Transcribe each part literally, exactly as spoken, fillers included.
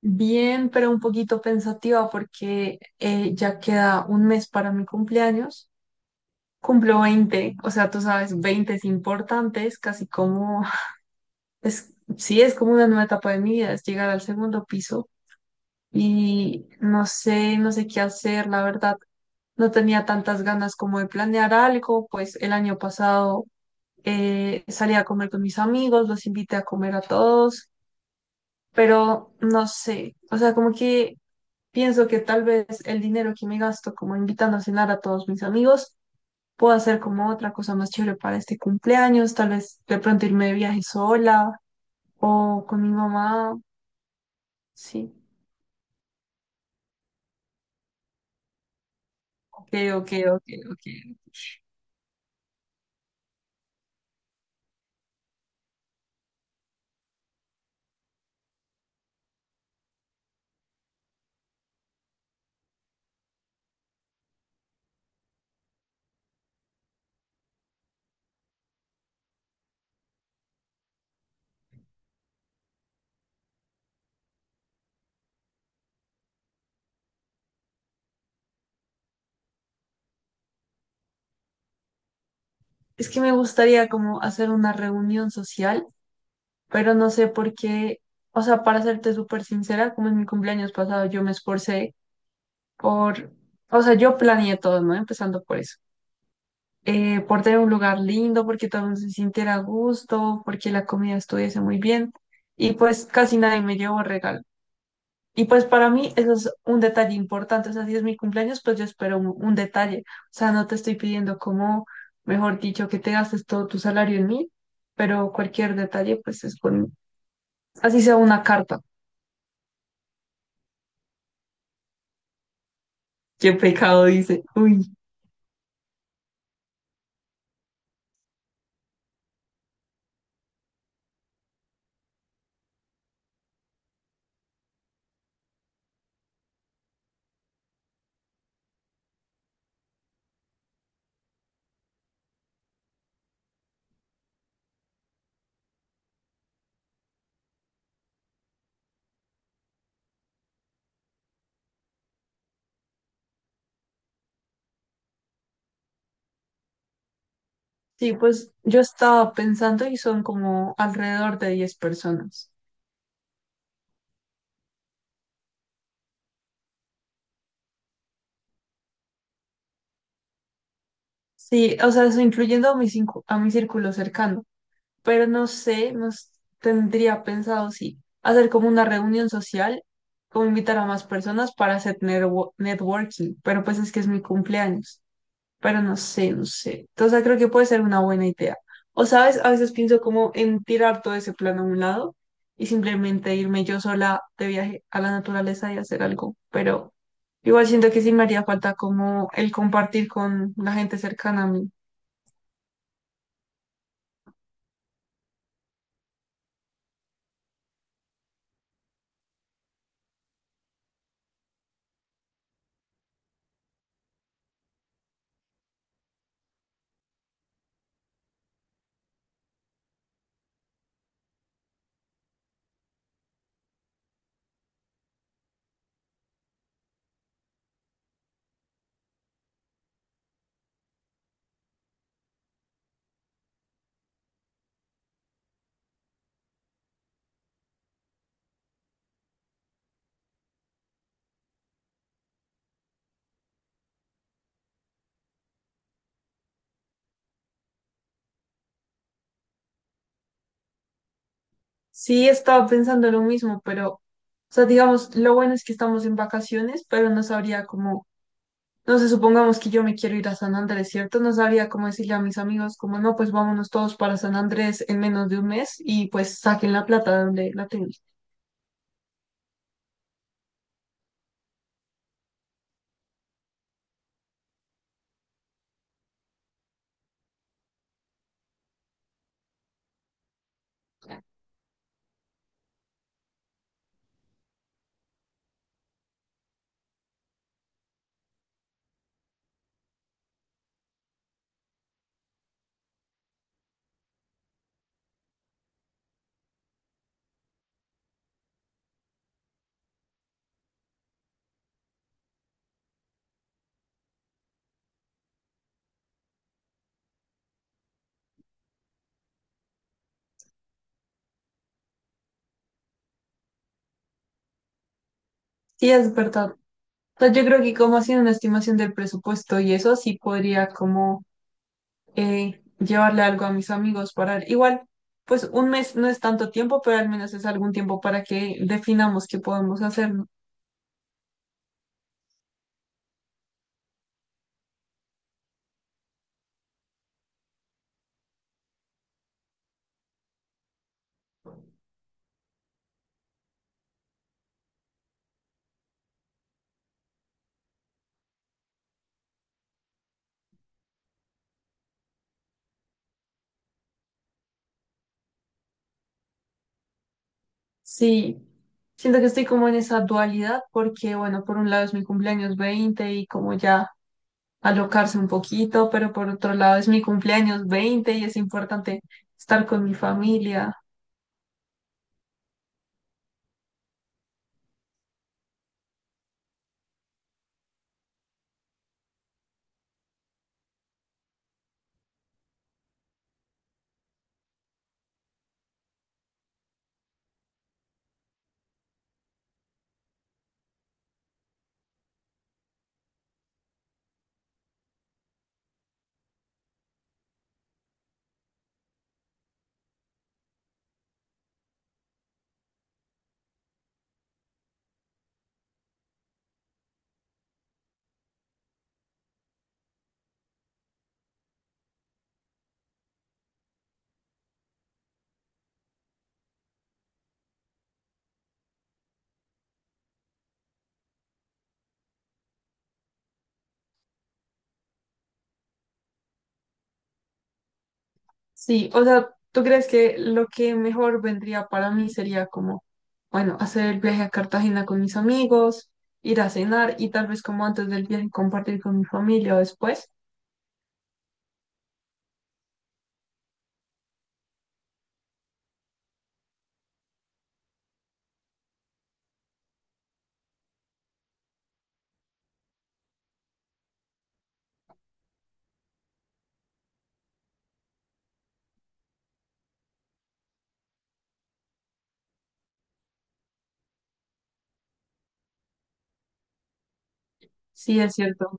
Bien, pero un poquito pensativa porque eh, ya queda un mes para mi cumpleaños. Cumplo veinte, o sea, tú sabes, veinte es importante, es casi como, es, sí, es como una nueva etapa de mi vida, es llegar al segundo piso. Y no sé, no sé qué hacer, la verdad. No tenía tantas ganas como de planear algo. Pues el año pasado eh, salí a comer con mis amigos, los invité a comer a todos, pero no sé, o sea, como que pienso que tal vez el dinero que me gasto como invitando a cenar a todos mis amigos, puedo hacer como otra cosa más chévere para este cumpleaños, tal vez de pronto irme de viaje sola o con mi mamá. Sí. Ok, ok, ok, ok. Es que me gustaría como hacer una reunión social, pero no sé por qué, o sea, para serte súper sincera, como en mi cumpleaños pasado yo me esforcé por, o sea, yo planeé todo, ¿no? Empezando por eso, eh, por tener un lugar lindo, porque todo el mundo se sintiera a gusto, porque la comida estuviese muy bien. Y pues casi nadie me llevó regalo. Y pues para mí eso es un detalle importante. O sea, si es mi cumpleaños, pues yo espero un, un detalle. O sea, no te estoy pidiendo como, mejor dicho, que te gastes todo tu salario en mí, pero cualquier detalle, pues es bueno. Así sea una carta. Qué pecado, dice. Uy. Sí, pues yo estaba pensando y son como alrededor de diez personas. Sí, o sea, eso incluyendo a mi, cincu- a mi círculo cercano, pero no sé, nos tendría pensado, sí, hacer como una reunión social, como invitar a más personas para hacer nerwo- networking, pero pues es que es mi cumpleaños. Pero no sé, no sé. Entonces creo que puede ser una buena idea. O sabes, a veces pienso como en tirar todo ese plan a un lado y simplemente irme yo sola de viaje a la naturaleza y hacer algo, pero igual siento que sí me haría falta como el compartir con la gente cercana a mí. Sí, estaba pensando lo mismo, pero, o sea, digamos, lo bueno es que estamos en vacaciones, pero no sabría cómo, no sé, supongamos que yo me quiero ir a San Andrés, ¿cierto? No sabría cómo decirle a mis amigos, como, no, pues vámonos todos para San Andrés en menos de un mes y pues saquen la plata de donde la tengan. Sí, es verdad. O sea, yo creo que como haciendo una estimación del presupuesto y eso, sí podría como eh, llevarle algo a mis amigos. Para, igual, pues un mes no es tanto tiempo, pero al menos es algún tiempo para que definamos qué podemos hacer, ¿no? Sí, siento que estoy como en esa dualidad porque, bueno, por un lado es mi cumpleaños veinte y como ya alocarse un poquito, pero por otro lado es mi cumpleaños veinte y es importante estar con mi familia. Sí, o sea, ¿tú crees que lo que mejor vendría para mí sería como, bueno, hacer el viaje a Cartagena con mis amigos, ir a cenar y tal vez como antes del viaje compartir con mi familia o después? Sí, es cierto.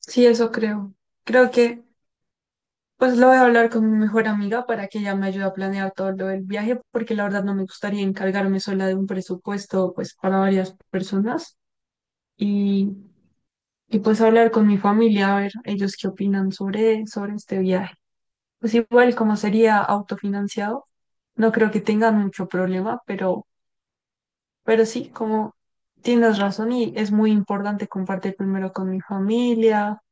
Sí, eso creo. Creo que pues lo voy a hablar con mi mejor amiga para que ella me ayude a planear todo lo del viaje, porque la verdad no me gustaría encargarme sola de un presupuesto pues para varias personas y, y pues hablar con mi familia, a ver ellos qué opinan sobre, sobre este viaje. Pues igual como sería autofinanciado, no creo que tengan mucho problema, pero, pero, sí, como tienes razón y es muy importante compartir primero con mi familia.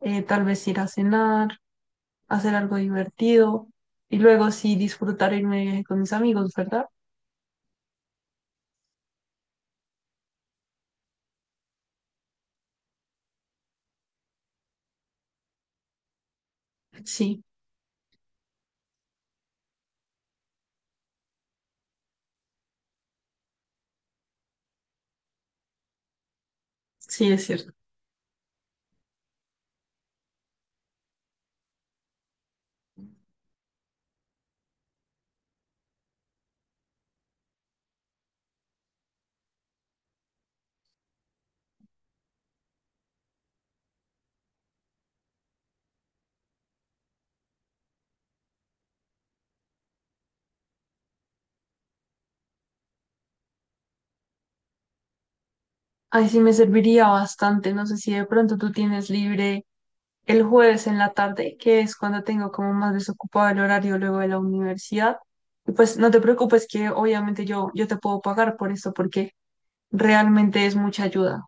Eh, tal vez ir a cenar, hacer algo divertido y luego sí disfrutar irme de viaje con mis amigos, ¿verdad? Sí, sí, es cierto. Ay, sí me serviría bastante. No sé si de pronto tú tienes libre el jueves en la tarde, que es cuando tengo como más desocupado el horario luego de la universidad. Y pues no te preocupes que obviamente yo, yo te puedo pagar por eso porque realmente es mucha ayuda.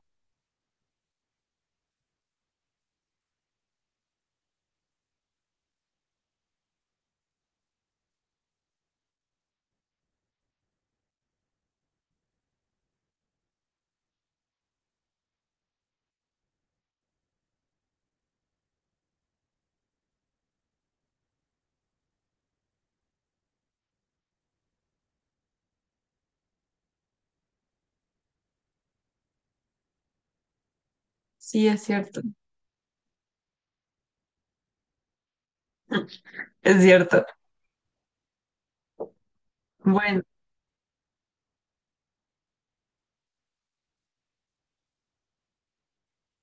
Sí, es cierto. Es cierto. Bueno,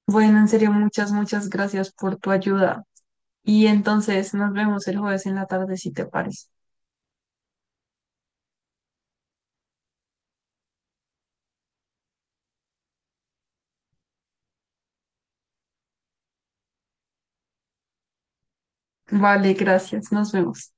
bueno, en serio, muchas, muchas gracias por tu ayuda. Y entonces nos vemos el jueves en la tarde, si te parece. Vale, gracias. Nos vemos.